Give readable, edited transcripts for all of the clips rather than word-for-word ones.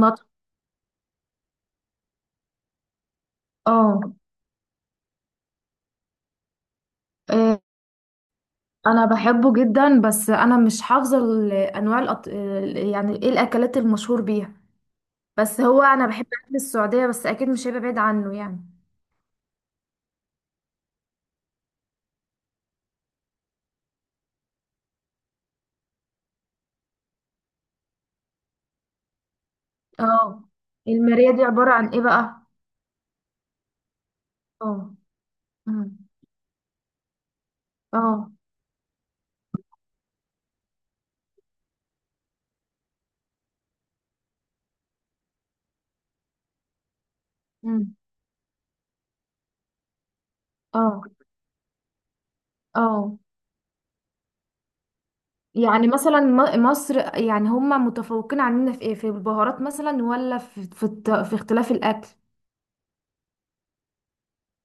نط اه آه، انا بحبه جدا، بس انا مش حافظه انواع يعني ايه الاكلات المشهور بيها. بس هو انا بحب اكل السعوديه، بس اكيد مش هيبقى بعيد عنه يعني. اه. الماريه دي عباره عن ايه بقى؟ اه. أمم. اه. أمم. اه. اه. يعني مثلا مصر، يعني هم متفوقين عننا في ايه، في البهارات مثلا، ولا في في اختلاف الاكل؟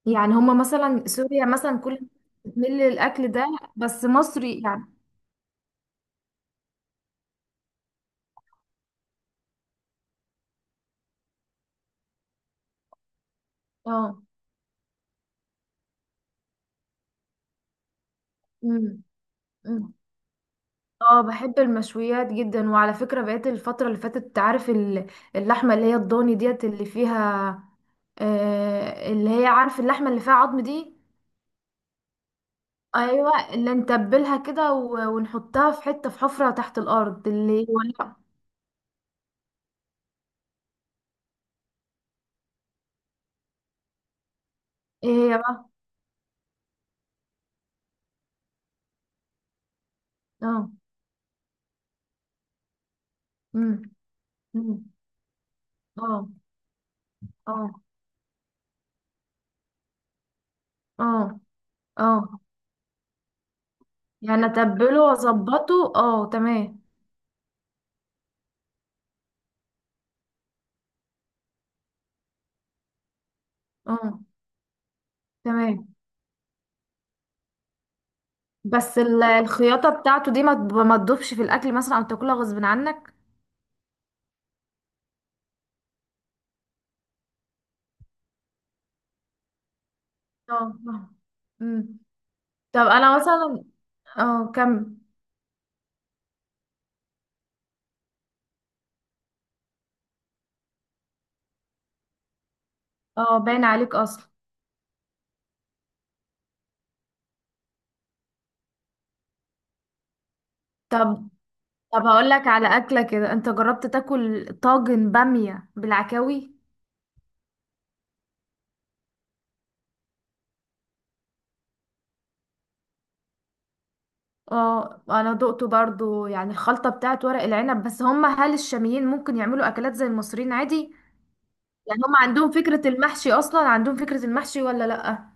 يعني هم مثلا سوريا مثلا كل بتميل للاكل ده. بس مصر يعني. اه. امم. أمم. اه بحب المشويات جدا، وعلى فكرة بقيت الفترة اللي فاتت عارف اللحمة اللي هي الضاني ديت اللي فيها، آه اللي هي عارف اللحمة اللي فيها عظم دي. ايوه اللي نتبلها كده ونحطها في حتة، في حفرة تحت الارض اللي هو. ايه هي بقى؟ اه. امم. أمم. اه. اه. اه. اه. يعني اتبله واظبطه، اه تمام. اه تمام. بس الخياطة بتاعته دي ما ما تدوبش في الأكل مثلا، أو تاكلها غصب عنك؟ اه فاهمة. مم. طب أنا مثلا اه كم. اه باين عليك أصلا. طب. طب هقول لك على أكلة كده، أنت جربت تاكل طاجن بامية بالعكاوي؟ اه أنا دقته برضو يعني الخلطة بتاعت ورق العنب، بس هم، هل الشاميين ممكن يعملوا أكلات زي المصريين عادي؟ يعني هم عندهم فكرة المحشي، أصلا عندهم فكرة المحشي ولا لأ؟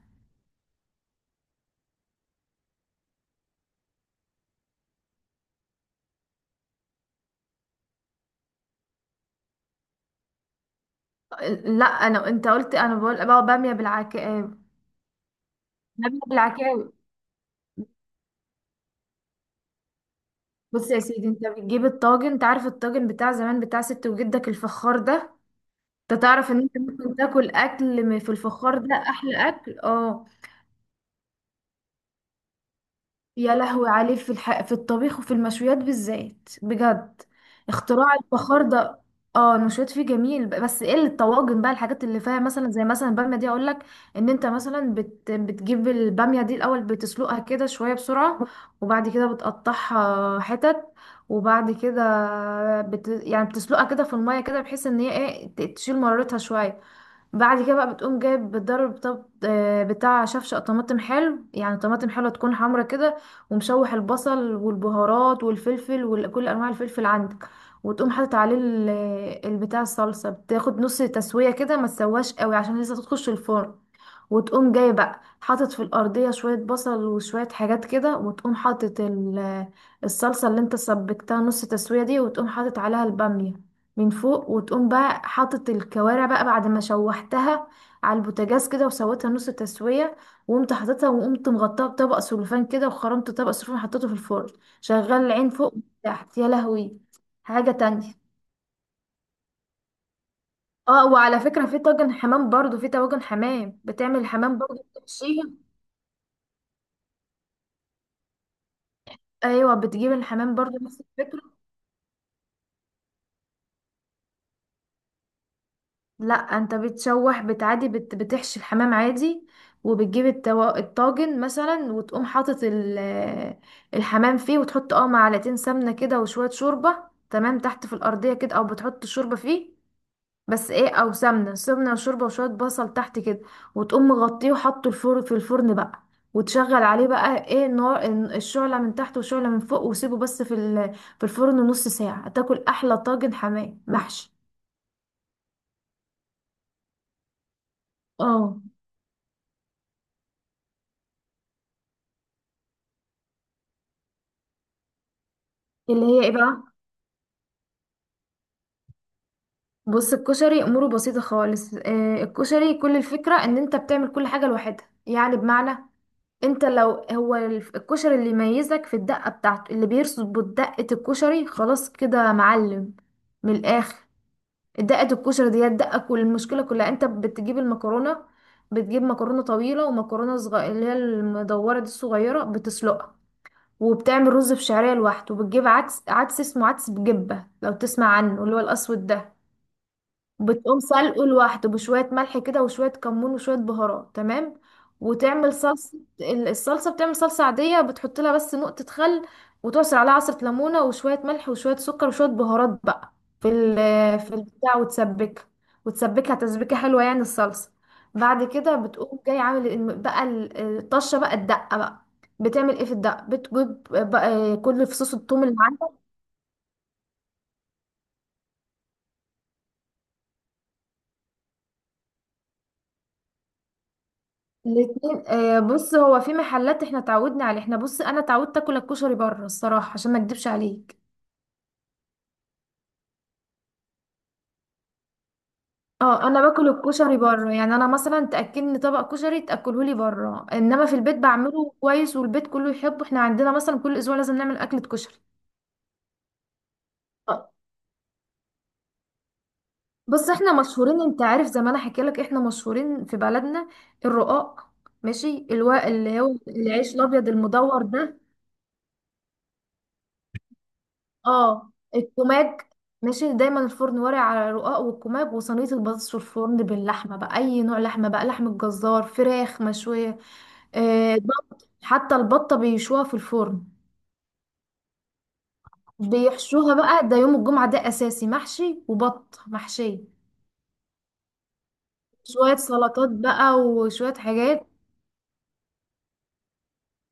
لا انا. انت قلت، انا بقول بقى باميه بالعك. نبت العكاوي. بص يا سيدي، انت بتجيب الطاجن، انت عارف الطاجن بتاع زمان بتاع ست وجدك الفخار ده. انت تعرف ان انت ممكن تاكل اكل في الفخار ده احلى اكل. اه. يا لهوي عليه في في الطبيخ وفي المشويات بالذات بجد. اختراع الفخار ده. اه المشويات فيه جميل، بس ايه اللي الطواجن بقى، الحاجات اللي فيها مثلا زي مثلا الباميه دي اقول لك. ان انت مثلا بتجيب الباميه دي الاول، بتسلقها كده شويه بسرعه. وبعد كده بتقطعها حتت. وبعد كده يعني بتسلقها كده في الميه كده، بحيث ان هي ايه تشيل مرارتها شويه. بعد كده بقى بتقوم جايب بتضرب طب بتاع شفشق طماطم حلو، يعني طماطم حلوه تكون حمرا كده. ومشوح البصل والبهارات والفلفل وكل انواع الفلفل عندك. وتقوم حاطط عليه البتاع الصلصه، بتاخد نص تسويه كده، ما تسواش قوي عشان لسه تخش الفرن. وتقوم جاي بقى حاطط في الارضيه شويه بصل وشويه حاجات كده، وتقوم حاطط الصلصه اللي انت سبكتها نص تسويه دي، وتقوم حاطط عليها الباميه من فوق. وتقوم بقى حاطط الكوارع بقى بعد ما شوحتها على البوتاجاز كده وسويتها نص تسوية. وقمت حاططها وقمت مغطاها بطبق سلوفان كده، وخرمت طبق سلوفان، حطيته في الفرن شغال العين فوق وتحت يا لهوي. حاجة تانية. اه وعلى فكرة في طاجن حمام برضو، في طواجن حمام بتعمل الحمام برضو بتحشيها. ايوه بتجيب الحمام برضو نفس الفكرة. لا انت بتشوح، بتعادي، بتحشي الحمام عادي. وبتجيب الطاجن مثلا، وتقوم حاطط الحمام فيه، وتحط اه معلقتين سمنة كده وشوية شوربة. تمام. تحت في الأرضية كده او بتحط الشوربة فيه. بس ايه، او سمنة، سمنة وشوربة وشوية بصل تحت كده. وتقوم مغطيه وحطه الفرن في الفرن بقى. وتشغل عليه بقى ايه النار، الشعلة من تحت والشعلة من فوق، وسيبه بس في في الفرن نص ساعة، تاكل احلى طاجن حمام محشي. اه. اللي هي ايه بقى؟ بص الكشري اموره بسيطه خالص، الكشري كل الفكره ان انت بتعمل كل حاجه لوحدها، يعني بمعنى. انت لو هو الكشري اللي يميزك في الدقه بتاعته، اللي بيرسبوا دقه الكشري خلاص كده معلم من الاخر. دقه الكشري دي هي الدقه، كل المشكله كلها، انت بتجيب المكرونه. بتجيب مكرونه طويله ومكرونه صغيره اللي هي المدوره دي الصغيره بتسلقها. وبتعمل رز بشعريه لوحده، وبتجيب عدس. عدس اسمه عدس، بجبه لو تسمع عنه اللي هو الاسود ده. بتقوم سلقه لوحده بشوية ملح كده وشوية كمون وشوية بهارات تمام. وتعمل صلصة الصلصة، بتعمل صلصة عادية بتحط لها بس نقطة خل. وتعصر عليها عصرة ليمونة وشوية ملح وشوية سكر وشوية بهارات بقى في في البتاع، وتسبكها. وتسبكها تسبيكة حلوة يعني الصلصة. بعد كده بتقوم جاي عامل بقى الطشة بقى الدقة بقى. بتعمل ايه في الدقة، بتجيب بقى كل فصوص الثوم اللي معاك. الاتنين بص هو في محلات احنا اتعودنا عليه، احنا بص انا اتعودت اكل الكشري بره الصراحه عشان ما اكدبش عليك. اه انا باكل الكشري بره، يعني انا مثلا تاكلني طبق كشري تاكله لي بره، انما في البيت بعمله كويس والبيت كله يحبه، احنا عندنا مثلا كل اسبوع لازم نعمل اكله كشري. آه، بص احنا مشهورين، انت عارف زي ما انا حكي لك، احنا مشهورين في بلدنا الرقاق. ماشي الوا اللي هو العيش الابيض المدور ده. اه الكوماج. ماشي دايما الفرن ورق على رقاق والكوماج وصينيه البطاطس في الفرن باللحمه بقى، اي نوع لحمه بقى، لحمه جزار، فراخ مشويه. آه بط، حتى البطه بيشوها في الفرن. بيحشوها بقى، ده يوم الجمعه ده اساسي محشي وبط محشيه. شويه سلطات بقى وشويه حاجات.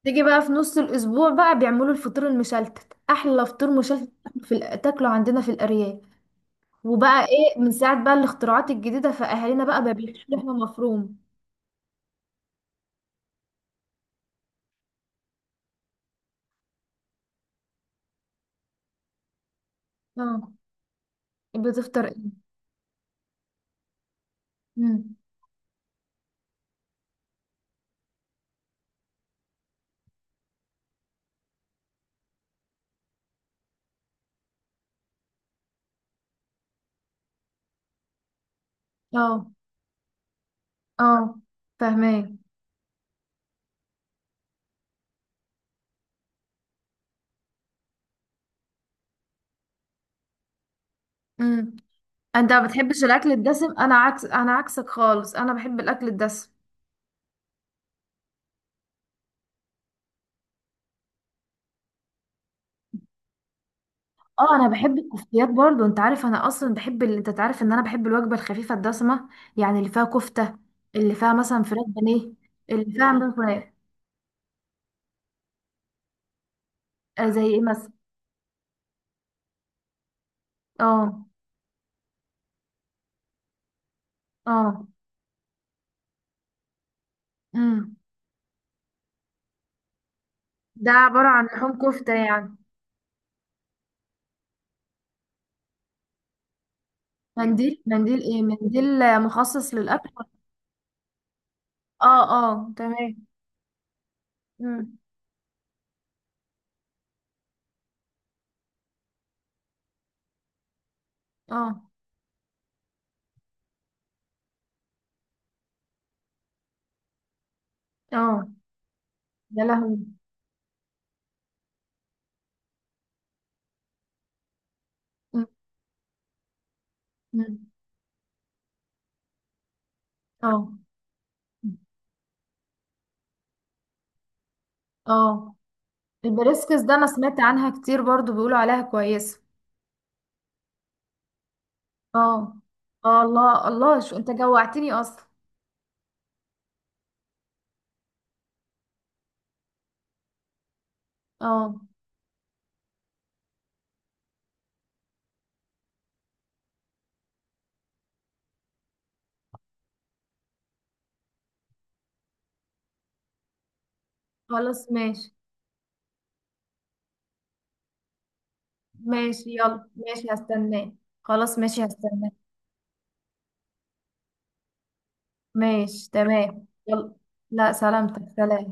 تيجي بقى في نص الاسبوع بقى بيعملوا الفطير المشلتت، احلى فطير مشلتت في تاكله عندنا في الارياف. وبقى ايه من ساعة بقى الاختراعات الجديدة، فأهالينا بقى بيحشوا لحمة مفروم. اه. بتفطر ايه؟ امم. اه. اه فاهماه. امم. انت ما بتحبش الاكل الدسم، انا عكس، انا عكسك خالص، انا بحب الاكل الدسم. اه انا بحب الكفتيات برضو، انت عارف انا اصلا بحب انت تعرف ان انا بحب الوجبه الخفيفه الدسمه. يعني اللي فيها كفته. اللي فيها مثلا فراخ بانيه. اللي فيها مثلا فراخ. آه زي ايه مثلا؟ اه. اه. امم. ده عباره عن لحوم كفته يعني؟ منديل. منديل ايه؟ منديل مخصص للاكل؟ اه. اه تمام. اه. اه يا لهوي. م- م. اه. اه. البريسكس ده انا سمعت عنها كتير برضو بيقولوا عليها كويسة. اه. اه الله الله، شو انت جوعتني اصلا. اه خلاص ماشي. ماشي يلا، ماشي هستناه. خلاص ماشي هستناه. ماشي تمام يلا. لا سلامتك، سلام.